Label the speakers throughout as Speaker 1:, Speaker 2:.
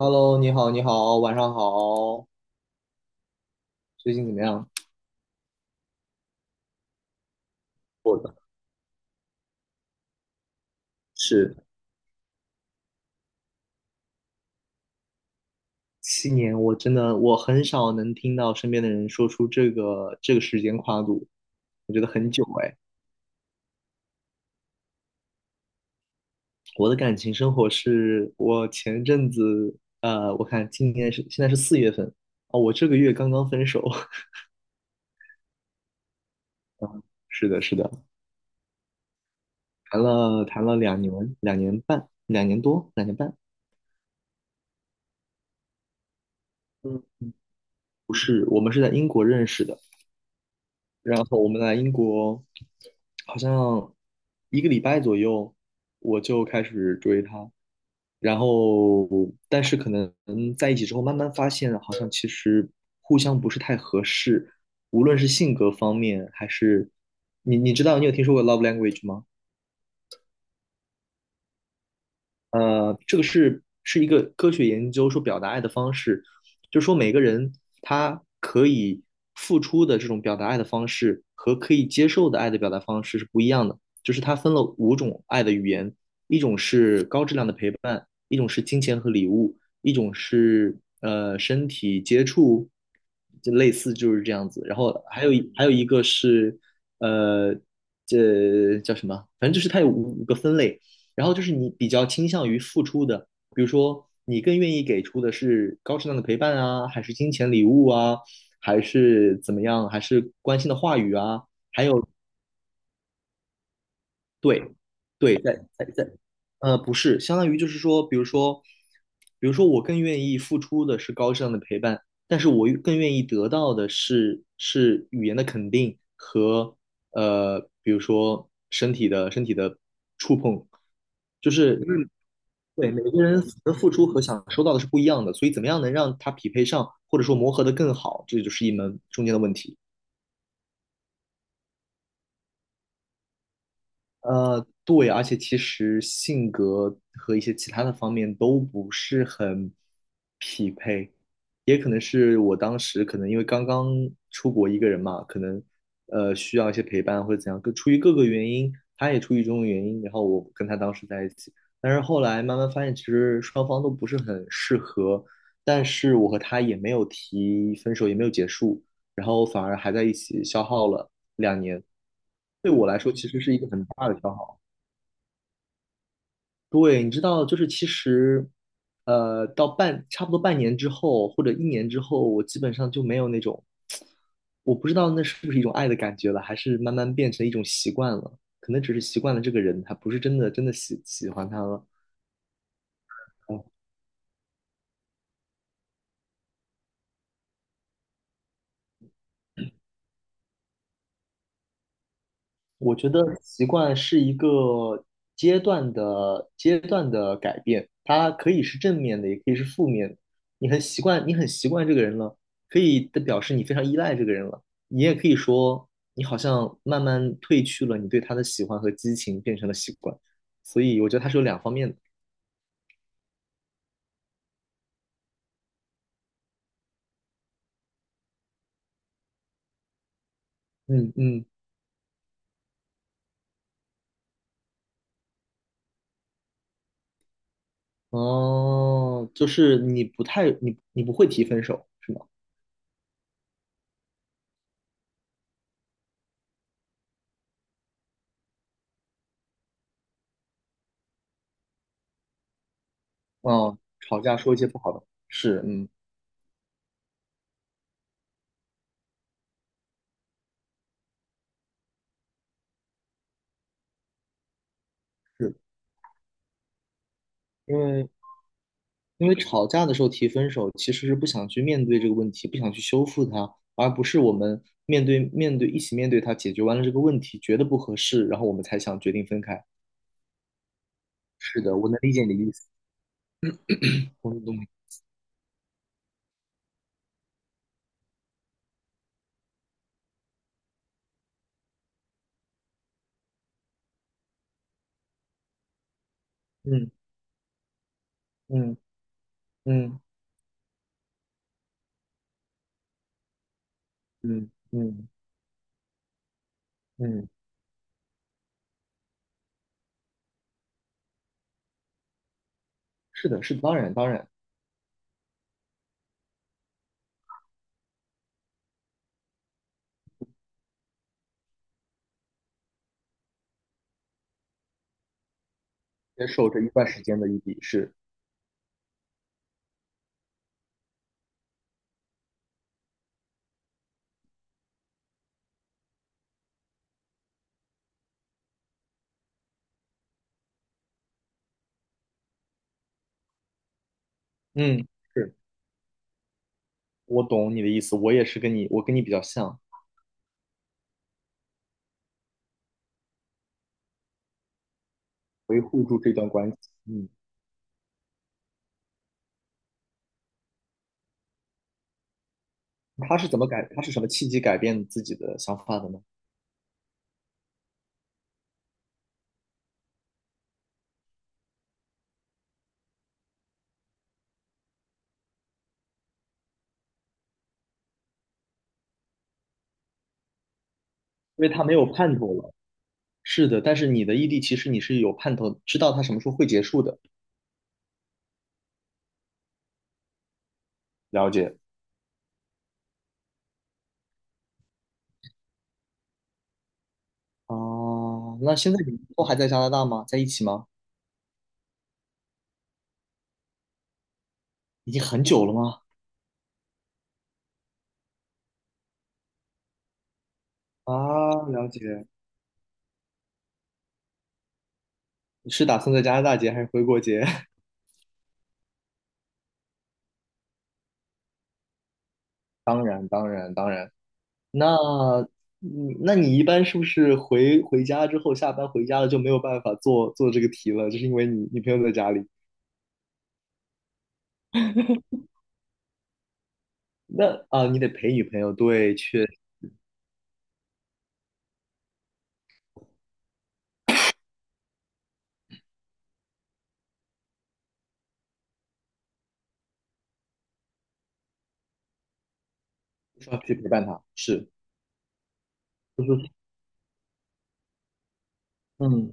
Speaker 1: Hello，你好，你好，晚上好，最近怎么样？我的是7年，我真的我很少能听到身边的人说出这个时间跨度，我觉得很久哎。我的感情生活是我前阵子，我看今年是现在是4月份。哦，我这个月刚刚分手。是的，是的，谈了两年，两年半，2年多，两年半。嗯，不是，我们是在英国认识的，然后我们来英国，好像一个礼拜左右，我就开始追她。然后，但是可能在一起之后，慢慢发现好像其实互相不是太合适，无论是性格方面，还是你知道你有听说过 love language 吗？这个是一个科学研究说表达爱的方式，就是说每个人他可以付出的这种表达爱的方式和可以接受的爱的表达方式是不一样的。就是它分了5种爱的语言，一种是高质量的陪伴，一种是金钱和礼物，一种是身体接触，就类似就是这样子。然后还有一个是呃这叫什么？反正就是它有五个分类。然后就是你比较倾向于付出的，比如说你更愿意给出的是高质量的陪伴啊，还是金钱礼物啊，还是怎么样，还是关心的话语啊？对，对，在在在不是，相当于就是说，比如说，我更愿意付出的是高质量的陪伴，但是我更愿意得到的是语言的肯定和比如说身体的触碰，就是因为对每个人的付出和想收到的是不一样的，所以怎么样能让它匹配上，或者说磨合的更好，这就是一门中间的问题。对，而且其实性格和一些其他的方面都不是很匹配，也可能是我当时可能因为刚刚出国一个人嘛，可能需要一些陪伴或者怎样，各出于各个原因，他也出于种种原因，然后我跟他当时在一起，但是后来慢慢发现其实双方都不是很适合，但是我和他也没有提分手，也没有结束，然后反而还在一起消耗了两年。对我来说，其实是一个很大的消耗。对，你知道，就是其实，差不多半年之后，或者一年之后，我基本上就没有那种，我不知道那是不是一种爱的感觉了，还是慢慢变成一种习惯了。可能只是习惯了这个人，还不是真的真的喜欢他了。我觉得习惯是一个阶段的改变，它可以是正面的，也可以是负面的。你很习惯这个人了，可以的表示你非常依赖这个人了。你也可以说，你好像慢慢褪去了你对他的喜欢和激情，变成了习惯。所以我觉得它是有两方面的。嗯嗯，哦，就是你不会提分手，是吗？哦，吵架说一些不好的，是，嗯，是。因为因为吵架的时候提分手，其实是不想去面对这个问题，不想去修复它，而不是我们面对面对一起面对它，解决完了这个问题，觉得不合适，然后我们才想决定分开。是的，我能理解你的意思。我能懂。嗯嗯嗯嗯嗯嗯，是的，是的，当然当然，接受这一段时间的异地是，嗯，是。我懂你的意思，我也是跟你，我跟你比较像，维护住这段关系。嗯，他是什么契机改变自己的想法的呢？因为他没有盼头了。是的，但是你的异地其实你是有盼头，知道它什么时候会结束的。了解。哦，那现在你们都还在加拿大吗？在一起吗？已经很久了吗？啊，了解。你是打算在加拿大结还是回国结？当然，当然，当然。那，那你一般是不是回家之后，下班回家了就没有办法做做这个题了？就是因为你女朋友在家里。那啊，你得陪女朋友，对，确，需要去陪伴她。是，就是。嗯，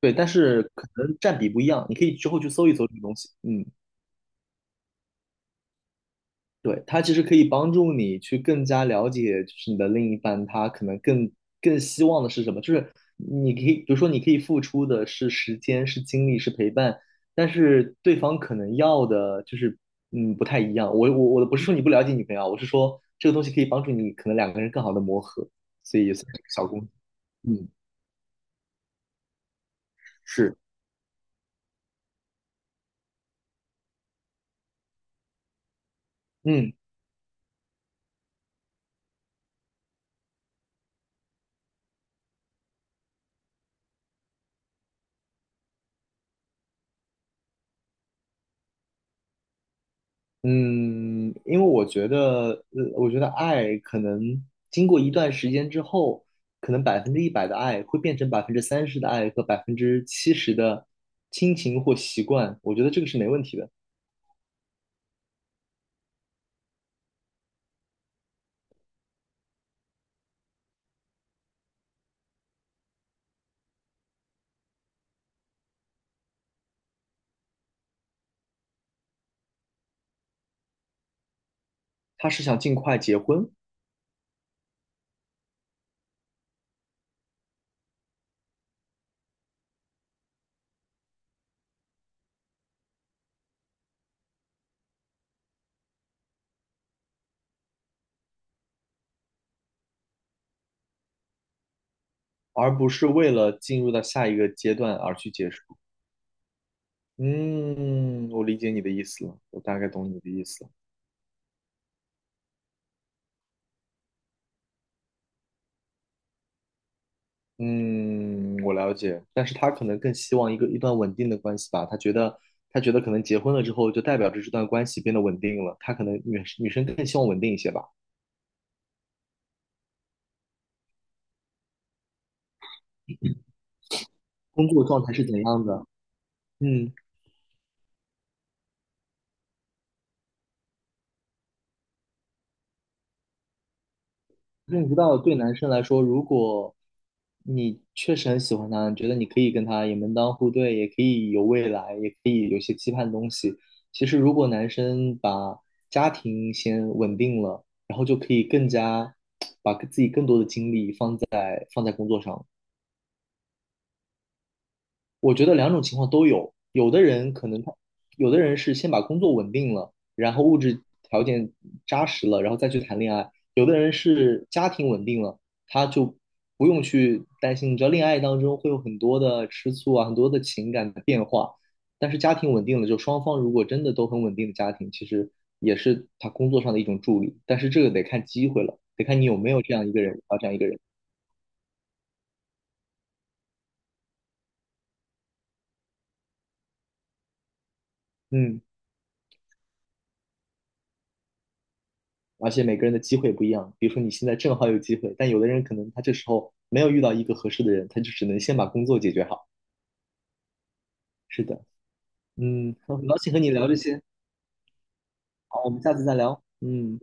Speaker 1: 对，但是可能占比不一样，你可以之后去搜一搜这个东西。嗯，对，它其实可以帮助你去更加了解，就是你的另一半他可能更希望的是什么，就是你可以，比如说你可以付出的是时间、是精力、是陪伴，但是对方可能要的就是不太一样。我不是说你不了解女朋友啊，我是说这个东西可以帮助你可能2个人更好的磨合，所以也算是个小工具。嗯，是，嗯。嗯，因为我觉得，我觉得爱可能经过一段时间之后，可能100%的爱会变成30%的爱和70%的亲情或习惯，我觉得这个是没问题的。他是想尽快结婚，而不是为了进入到下一个阶段而去结束。嗯，我理解你的意思了，我大概懂你的意思了。嗯，我了解，但是他可能更希望一段稳定的关系吧。他觉得可能结婚了之后，就代表着这段关系变得稳定了。他可能女生更希望稳定一些吧。工作状态是怎样的？嗯。认不到对男生来说，如果你确实很喜欢他，你觉得你可以跟他也门当户对，也可以有未来，也可以有些期盼的东西。其实，如果男生把家庭先稳定了，然后就可以更加 把自己更多的精力放在工作上了。我觉得两种情况都有，有的人可能他，有的人是先把工作稳定了，然后物质条件扎实了，然后再去谈恋爱；有的人是家庭稳定了，他就不用去担心，你知道恋爱当中会有很多的吃醋啊，很多的情感的变化，但是家庭稳定了，就双方如果真的都很稳定的家庭，其实也是他工作上的一种助力，但是这个得看机会了，得看你有没有这样一个人啊，这样一个人。嗯。而且每个人的机会不一样。比如说你现在正好有机会，但有的人可能他这时候没有遇到一个合适的人，他就只能先把工作解决好。是的。嗯，很高兴和你聊这些。好，我们下次再聊，嗯。